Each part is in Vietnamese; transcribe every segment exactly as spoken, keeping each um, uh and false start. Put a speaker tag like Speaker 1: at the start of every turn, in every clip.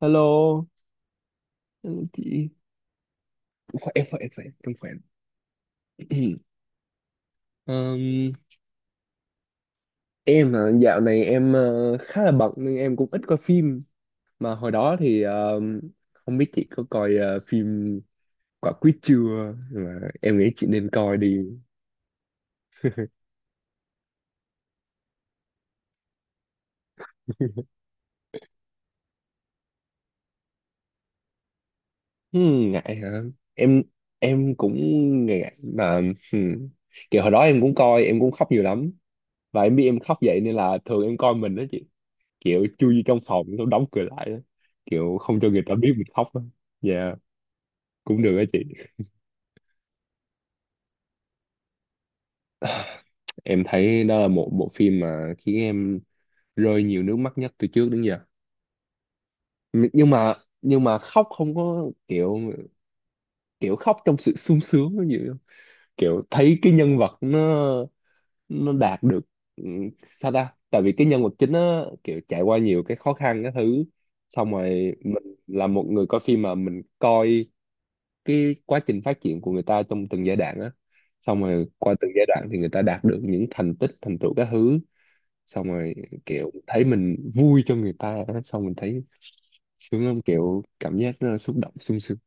Speaker 1: Hello, hello chị. Khỏe, khỏe, khỏe, em khỏe. Ừm, em là dạo này em ờ, khá là bận nên em cũng ít coi phim. Mà hồi đó thì ờ, không biết chị có coi ờ, phim Quả Quýt chưa? Mà em nghĩ chị nên coi đi. Hmm, ngại hả? Em em cũng ngại mà hmm. Kiểu hồi đó em cũng coi, em cũng khóc nhiều lắm. Và em biết em khóc vậy nên là thường em coi mình đó kiểu chui vô trong phòng xong đóng cửa lại á, kiểu không cho người ta biết mình khóc á. Dạ, cũng được á chị. Em thấy đó là một bộ phim mà khiến em rơi nhiều nước mắt nhất từ trước đến giờ. Nh- nhưng mà nhưng mà khóc không có kiểu, kiểu khóc trong sự sung sướng nó nhiều, kiểu thấy cái nhân vật nó nó đạt được, ừ, sao ta, tại vì cái nhân vật chính nó kiểu trải qua nhiều cái khó khăn cái thứ, xong rồi mình là một người coi phim mà mình coi cái quá trình phát triển của người ta trong từng giai đoạn á, xong rồi qua từng giai đoạn thì người ta đạt được những thành tích thành tựu các thứ, xong rồi kiểu thấy mình vui cho người ta á, xong mình thấy sướng lắm, kiểu cảm giác nó xúc động sung sướng.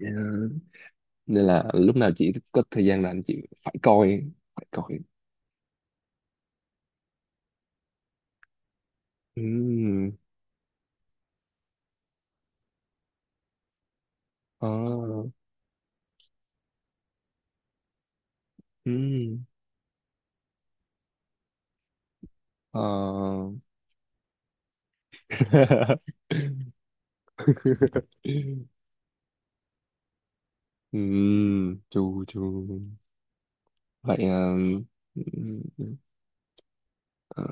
Speaker 1: Ờ, nên là lúc nào chị có thời gian là anh chị phải coi, phải coi. Ừm, ờ, ừm, ờ. Ừm, chu chu, vậy ờ, ừm, ờ,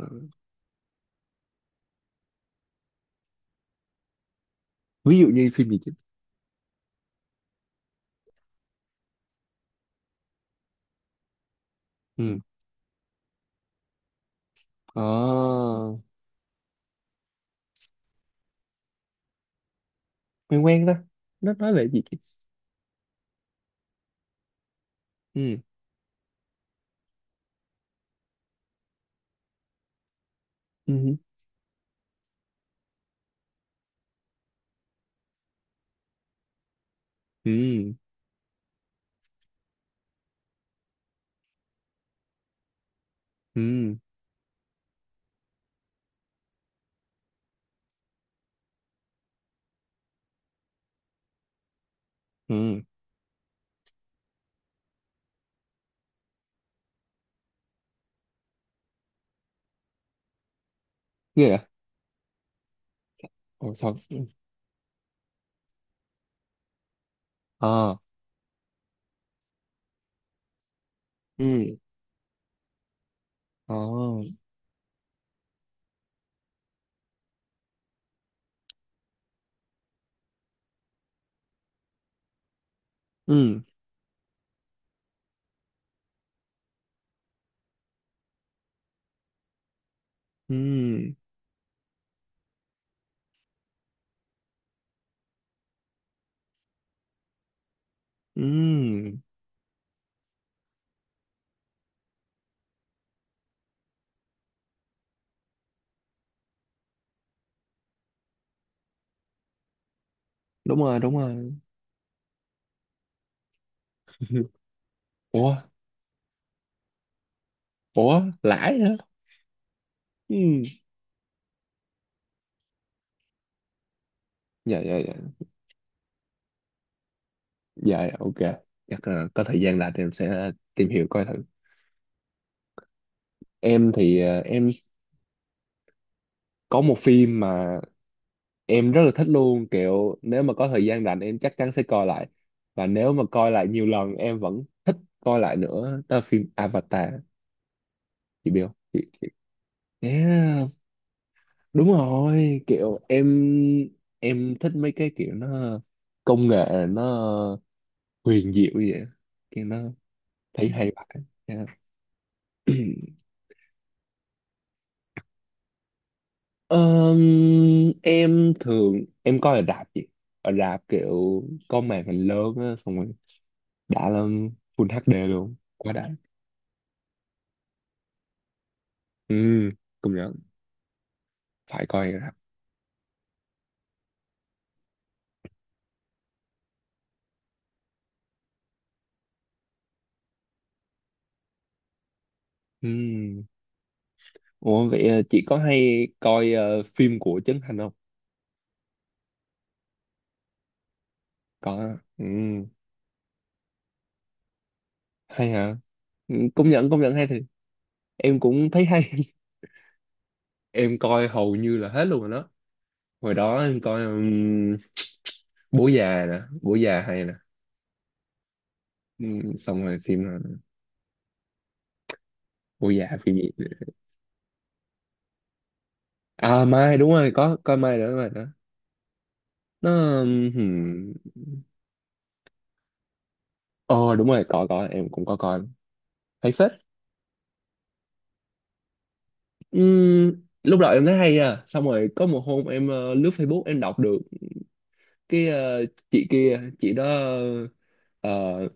Speaker 1: ví dụ như phim gì chứ? Ừ, ờ, quen quen đó, nó nói về gì chứ? Ừ, ừ, ừ, ừ, ừ, ghê à? Ồ sao? Ờ, ừ, ờ, ừ, ừ, ừ, đúng rồi, đúng rồi. Ủa, ủa lãi hả? Ừ, dạ dạ dạ. Dạ dạ, ok. Chắc là có thời gian là em sẽ tìm hiểu coi thử. Em thì ờ, em có một phim mà em rất là thích luôn, kiểu nếu mà có thời gian rảnh em chắc chắn sẽ coi lại, và nếu mà coi lại nhiều lần em vẫn thích coi lại nữa, đó là phim Avatar. Chị biết không chị? Yeah, đúng rồi, kiểu em em thích mấy cái kiểu nó, công nghệ nó huyền diệu như vậy, kiểu nó thấy hay vậy. Yeah. Ờm, em thường em coi ở rạp chị, ở rạp kiểu có màn hình lớn á, xong rồi đã lắm, full ếch đê luôn, quá đã. Ừ, công nhận, phải coi rồi đó. Ừ, ủa vậy ờ, chị có hay coi ờ, phim của Trấn Thành không? Có. Ừ, hay hả? Ừ, công nhận công nhận hay thì em cũng thấy hay. Em coi hầu như là hết luôn rồi đó. Hồi đó em coi ừm, bố già nè, bố già hay nè. Ừm, xong rồi phim nào nữa? Bố già, phim gì nữa? À, mai đúng rồi, có coi mai nữa mà đó. Nó ừm, ờ đúng rồi, có có em cũng có coi, thấy phết. Ừm, lúc đầu em thấy hay à, xong rồi có một hôm em ờ, lướt Facebook em đọc được cái ờ, chị kia, chị đó ờ,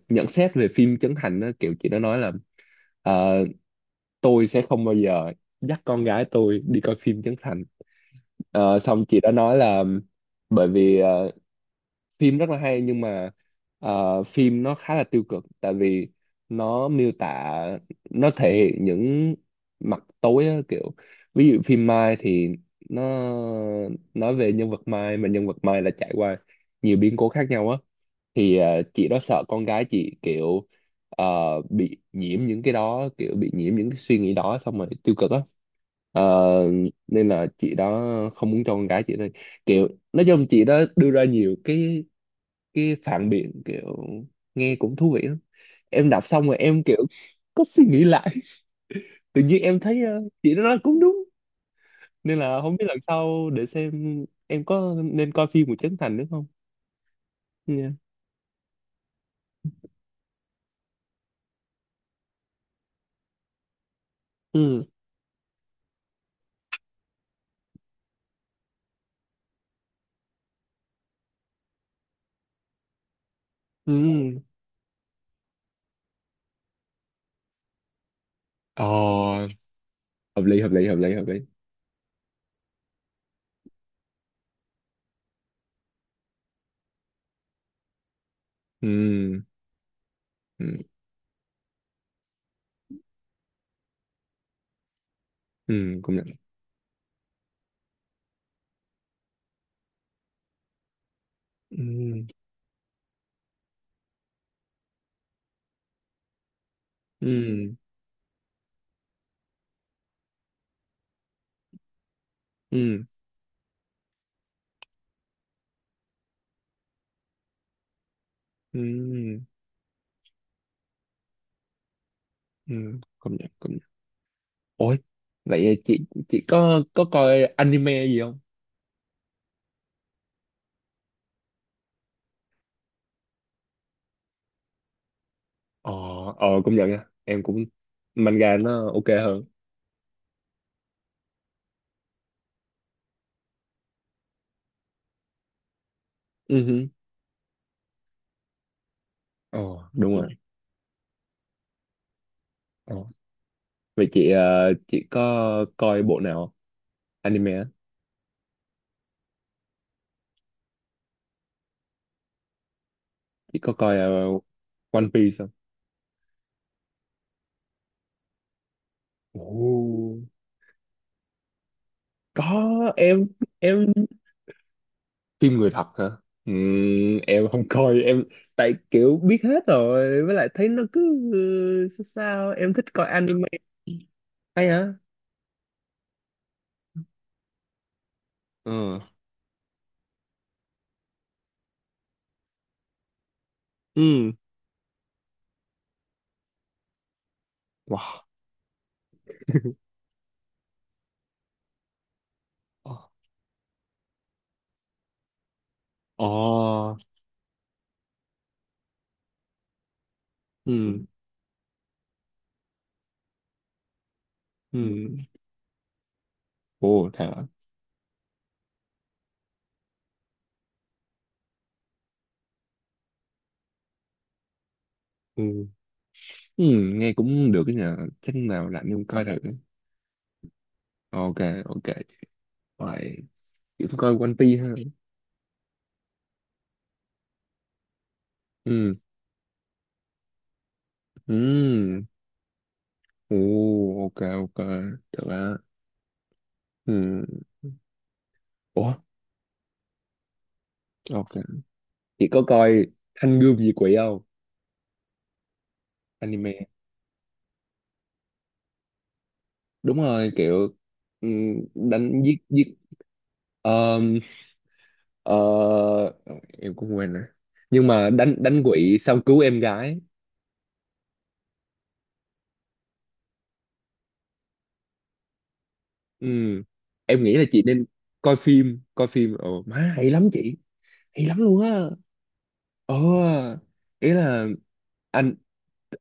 Speaker 1: nhận xét về phim Trấn Thành á, kiểu chị đó nói là ờ, tôi sẽ không bao giờ dắt con gái tôi đi coi phim Trấn Thành. Ờ, xong chị đó nói là bởi vì ờ, phim rất là hay nhưng mà ờ, phim nó khá là tiêu cực tại vì nó miêu tả, nó thể hiện những mặt tối á, kiểu ví dụ phim Mai thì nó nói về nhân vật Mai, mà nhân vật Mai là trải qua nhiều biến cố khác nhau á, thì ờ, chị đó sợ con gái chị kiểu ờ, bị nhiễm những cái đó, kiểu bị nhiễm những cái suy nghĩ đó xong rồi tiêu cực á. Ờ, nên là chị đó không muốn cho con gái chị thôi, kiểu nói chung chị đó đưa ra nhiều cái cái phản biện, kiểu nghe cũng thú vị lắm. Em đọc xong rồi em kiểu có suy nghĩ lại. Tự nhiên em thấy ờ, chị nó nói cũng đúng, nên là không biết lần sau để xem em có nên coi phim của Trấn Thành nữa không nha. Ừ, ừ, ờ, hợp lý hợp lý hợp lý hợp lý. Ừ, ừ, ừ, công nhận. Ừ, ừ, ừ, ừ, ừ, công nhận công nhận. Ôi, vậy chị chị có có coi anime gì không? Ờ, ờ, công nhận nha, em cũng manga nó ok hơn. Ừ hứ. Ờ, đúng. Ừ. Rồi. Ờ. Vậy chị ờ, chị có coi bộ nào không? Anime á. Chị có coi ờ, One Piece không? Ồ. Có. Em em phim người thật hả? Ừm, em không coi, em tại kiểu biết hết rồi với lại thấy nó cứ ừ, sao sao, em thích coi anime. Hay hả? Ừ, ừ, wow, ồ, ừ, ừ, ồ thế hả? Ừ. Ừ, nghe cũng được cái nhà, chắc nào rảnh không coi thử. Ok, ok, vậy chỉ coi One Piece ha. Ừ, ừ, ồ, ok ok, được á. Ừ, ủa, ok chị có coi Thanh Gươm Diệt Quỷ không? Anime. Đúng rồi, kiểu ừ, đánh giết giết. ờ, ờ, em cũng quên rồi, nhưng mà đánh đánh quỷ xong cứu em gái. Ừ, em nghĩ là chị nên coi phim, coi phim, ồ má hay lắm chị, hay lắm luôn á. Ờ, ý là anh,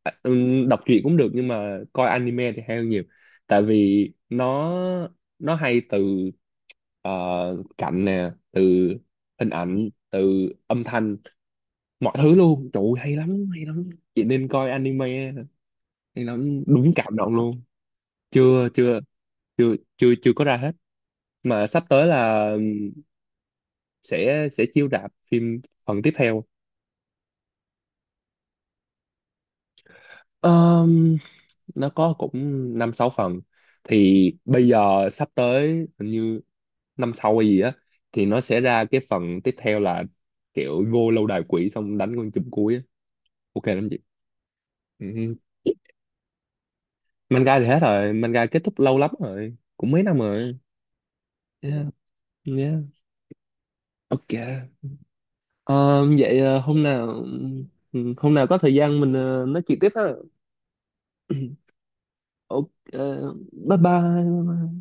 Speaker 1: à, ừm, đọc truyện cũng được nhưng mà coi anime thì hay hơn nhiều, tại vì nó nó hay từ ờ, cảnh nè, từ hình ảnh, từ âm thanh, mọi thứ luôn, trời ơi, hay lắm hay lắm, chị nên coi anime, hay lắm đúng, cảm động luôn. Chưa chưa, chưa chưa chưa có ra hết, mà sắp tới là ừm, sẽ sẽ chiếu rạp phim phần tiếp theo. Ờ, nó có cũng năm sáu phần, thì bây giờ sắp tới hình như năm sau hay gì á, thì nó sẽ ra cái phần tiếp theo là kiểu vô lâu đài quỷ xong đánh con chùm cuối á. Ok lắm chị. Ừ. Manga thì hết rồi, manga kết thúc lâu lắm rồi, cũng mấy năm rồi. Yeah, yeah. Ok. Ờ, vậy ờ, hôm nào, ừ, hôm nào có thời gian mình ờ, nói chuyện tiếp ha. Ok, bye bye.